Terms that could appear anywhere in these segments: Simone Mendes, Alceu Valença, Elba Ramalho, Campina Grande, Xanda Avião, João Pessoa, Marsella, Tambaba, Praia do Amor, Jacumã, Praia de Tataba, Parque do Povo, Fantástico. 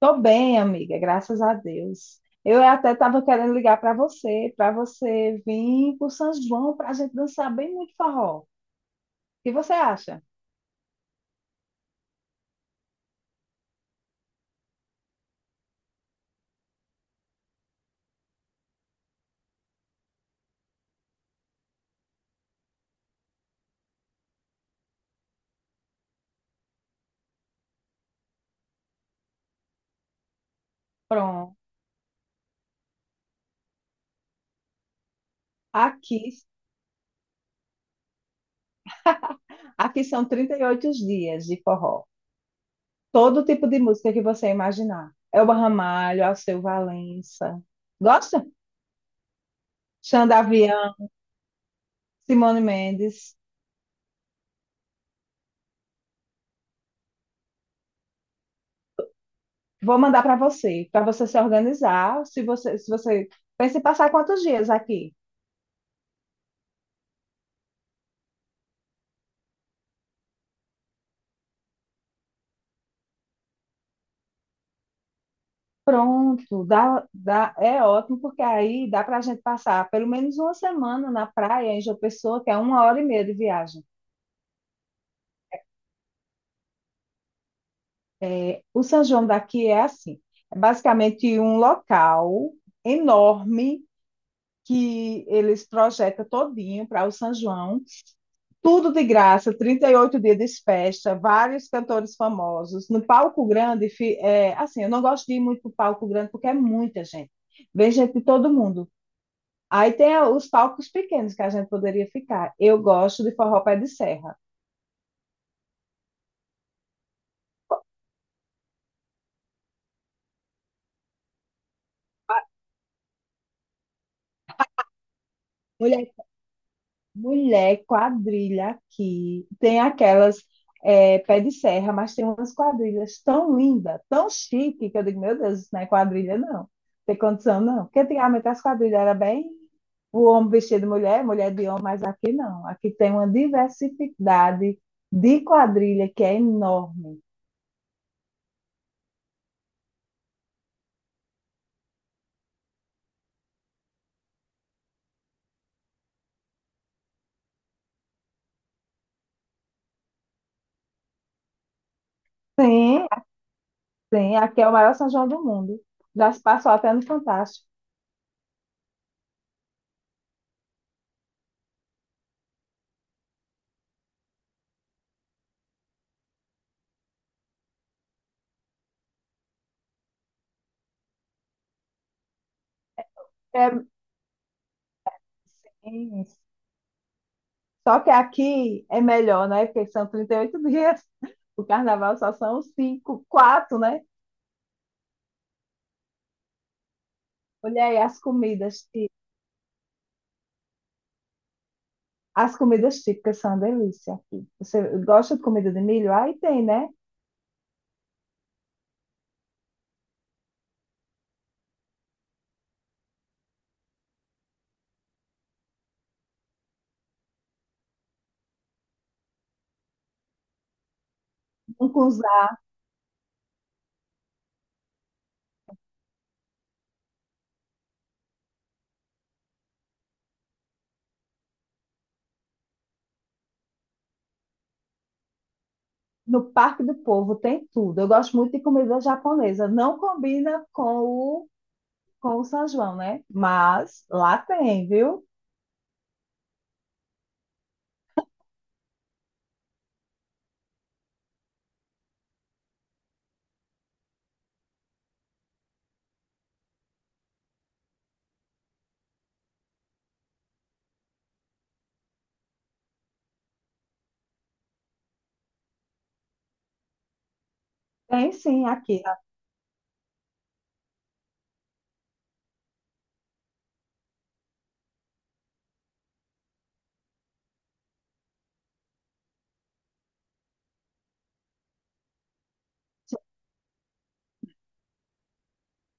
Tô bem, amiga, graças a Deus. Eu até estava querendo ligar para você vir para São João para a gente dançar bem muito forró. O que você acha? Pronto. Aqui, aqui são 38 dias de forró. Todo tipo de música que você imaginar. Elba Ramalho, Alceu Valença. Gosta? Xanda Avião, Simone Mendes. Vou mandar para você se organizar. Se você pensa em passar quantos dias aqui? Pronto, dá, é ótimo, porque aí dá para a gente passar pelo menos uma semana na praia em João Pessoa, que é uma hora e meia de viagem. É, o São João daqui é assim, é basicamente um local enorme que eles projetam todinho para o São João, tudo de graça, 38 dias de festa, vários cantores famosos. No palco grande, é, assim, eu não gosto de ir muito para o palco grande porque é muita gente. Vem gente de todo mundo. Aí tem os palcos pequenos que a gente poderia ficar. Eu gosto de forró pé de serra. Mulher, mulher, quadrilha aqui. Tem aquelas é, pé de serra, mas tem umas quadrilhas tão lindas, tão chique, que eu digo, meu Deus, isso não é quadrilha, não. Não tem condição, não. Porque antigamente as quadrilhas era bem o homem vestido de mulher, mulher de homem, mas aqui não. Aqui tem uma diversidade de quadrilha que é enorme. Sim, sim, aqui é o maior São João do mundo. Já se passou até no Fantástico. É, sim. Só que aqui é melhor, né? Porque são 38 dias. O carnaval só são cinco, quatro, né? Olha aí as comidas. As comidas típicas são uma delícia aqui. Você gosta de comida de milho? Aí tem, né? Mungunzá, no Parque do Povo tem tudo. Eu gosto muito de comida japonesa. Não combina com o São João, né? Mas lá tem, viu? Tem sim aqui.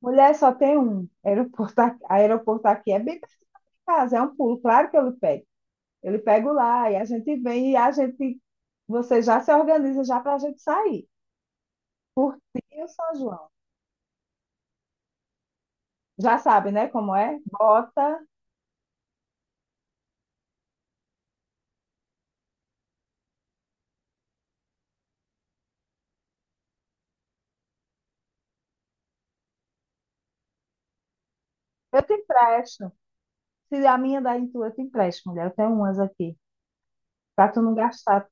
Mulher só tem um. Aeroporto, aeroporto aqui é bem perto da minha casa, é um pulo. Claro que eu lhe pego. Eu lhe pego lá e a gente vem e a gente, você já se organiza já para a gente sair. E o São João? Já sabe, né, como é? Bota, eu te empresto. Se a minha da tua, eu te empresto, mulher. Eu tenho umas aqui, para tu não gastar.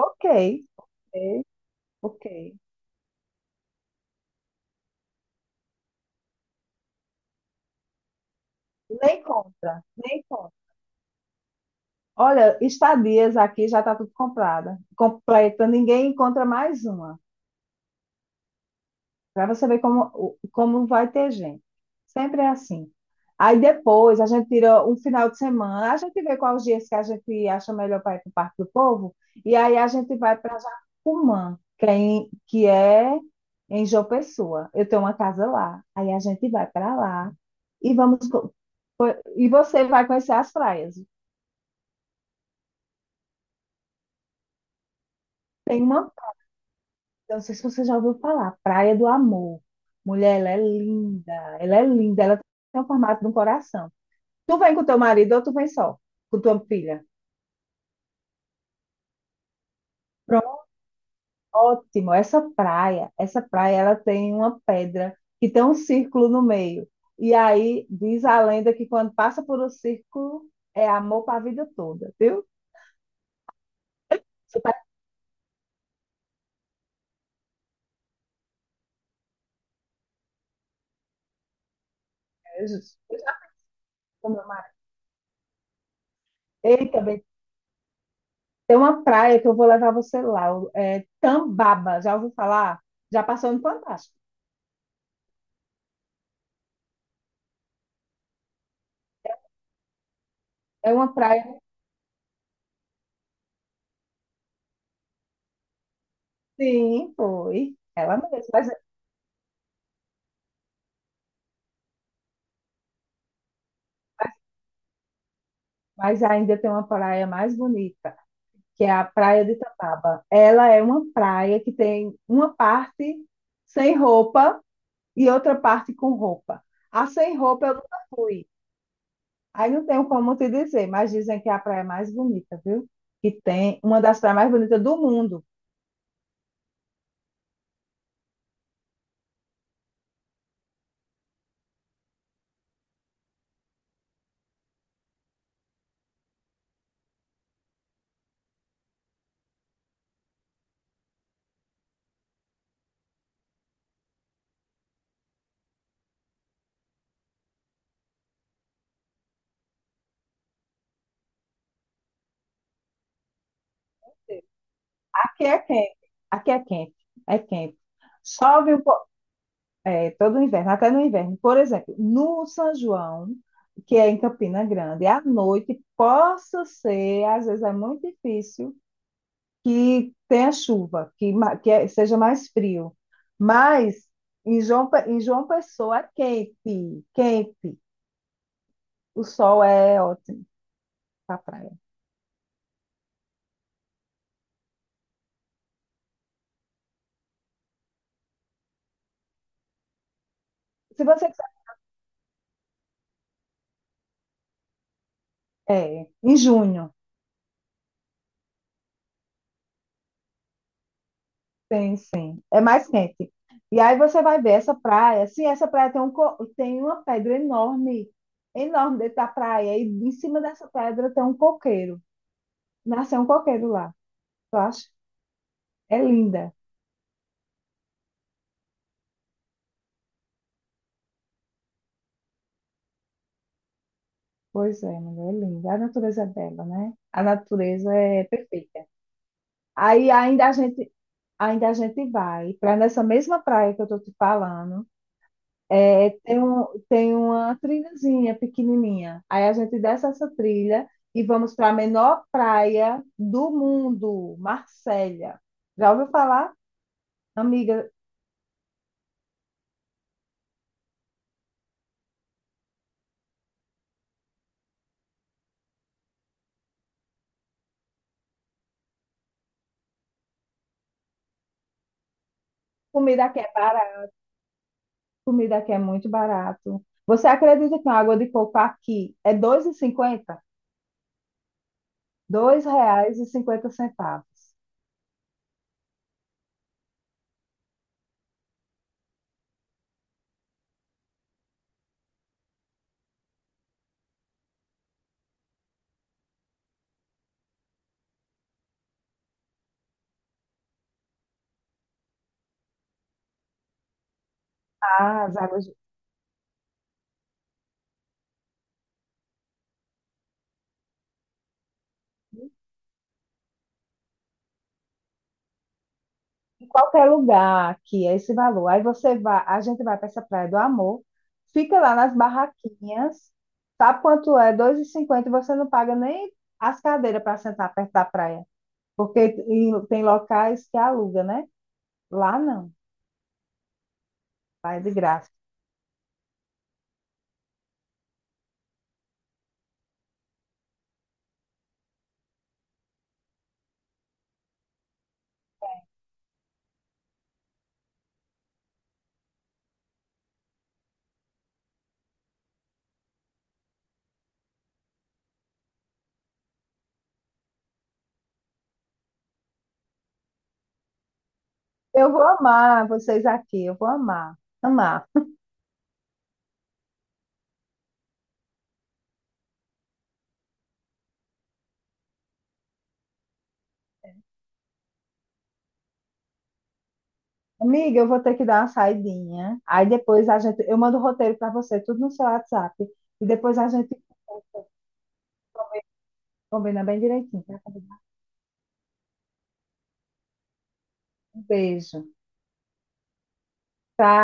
Ok, ok, ok. Nem conta, nem conta. Olha, estadias aqui já está tudo comprada, completa, ninguém encontra mais uma. Para você ver como, como vai ter gente. Sempre é assim. Aí depois a gente tira um final de semana, a gente vê quais os dias que a gente acha melhor para ir para o Parque do Povo, e aí a gente vai para Jacumã, que é em João Pessoa. Eu tenho uma casa lá. Aí a gente vai para lá e e você vai conhecer as praias. Tem uma, eu não sei se você já ouviu falar, Praia do Amor. Mulher, ela é linda, ela é linda, ela tem o formato de um coração. Tu vem com teu marido ou tu vem só, com tua filha? Pronto, ótimo. Essa praia, ela tem uma pedra que tem um círculo no meio. E aí diz a lenda que quando passa por um círculo é amor para a vida toda, viu? Você tá... Eu já fui com meu marido. Eita, bem, tem uma praia que eu vou levar você lá, é Tambaba. Já ouviu falar? Já passou no Fantástico. É uma praia, sim, foi. Ela mesmo, mas ainda tem uma praia mais bonita que é a Praia de Tataba. Ela é uma praia que tem uma parte sem roupa e outra parte com roupa. A sem roupa eu nunca fui. Aí não tenho como te dizer, mas dizem que é a praia mais bonita, viu? Que tem uma das praias mais bonitas do mundo. Aqui é quente, aqui é quente, é quente. Chove um pouco, é, todo inverno, até no inverno. Por exemplo, no São João, que é em Campina Grande, à noite, possa ser, às vezes é muito difícil que tenha chuva, que, ma- que é- seja mais frio. Mas em João Pessoa é quente, quente. O sol é ótimo para praia. Se você quiser- é, em junho, tem sim, é mais quente. E aí você vai ver essa praia. Sim, essa praia tem uma pedra enorme, enorme dentro da praia. E em cima dessa pedra tem um coqueiro. Nasceu um coqueiro lá, eu acho. É linda. Pois é, mulher é linda. A natureza é bela, né? A natureza é perfeita. Aí ainda a gente vai para nessa mesma praia que eu tô te falando. É, tem, um, tem uma trilhazinha pequenininha. Aí a gente desce essa trilha e vamos para a menor praia do mundo, Marsella. Já ouviu falar? Amiga, comida aqui é barata, comida aqui é muito barato. Você acredita que uma água de coco aqui é 2,50 R$ dois reais e cinquenta centavos as águas em qualquer lugar que é esse valor. Aí você vai, a gente vai para essa Praia do Amor, fica lá nas barraquinhas, sabe quanto é? 2,50 e cinquenta, e você não paga nem as cadeiras para sentar perto da praia, porque tem locais que aluga, né? Lá não, vai de graça. Eu vou amar vocês aqui, eu vou amar, amar. Amiga, eu vou ter que dar uma saidinha. Aí depois a gente, eu mando o roteiro para você, tudo no seu WhatsApp. E depois a gente combina bem direitinho, tá? Um beijo, tá?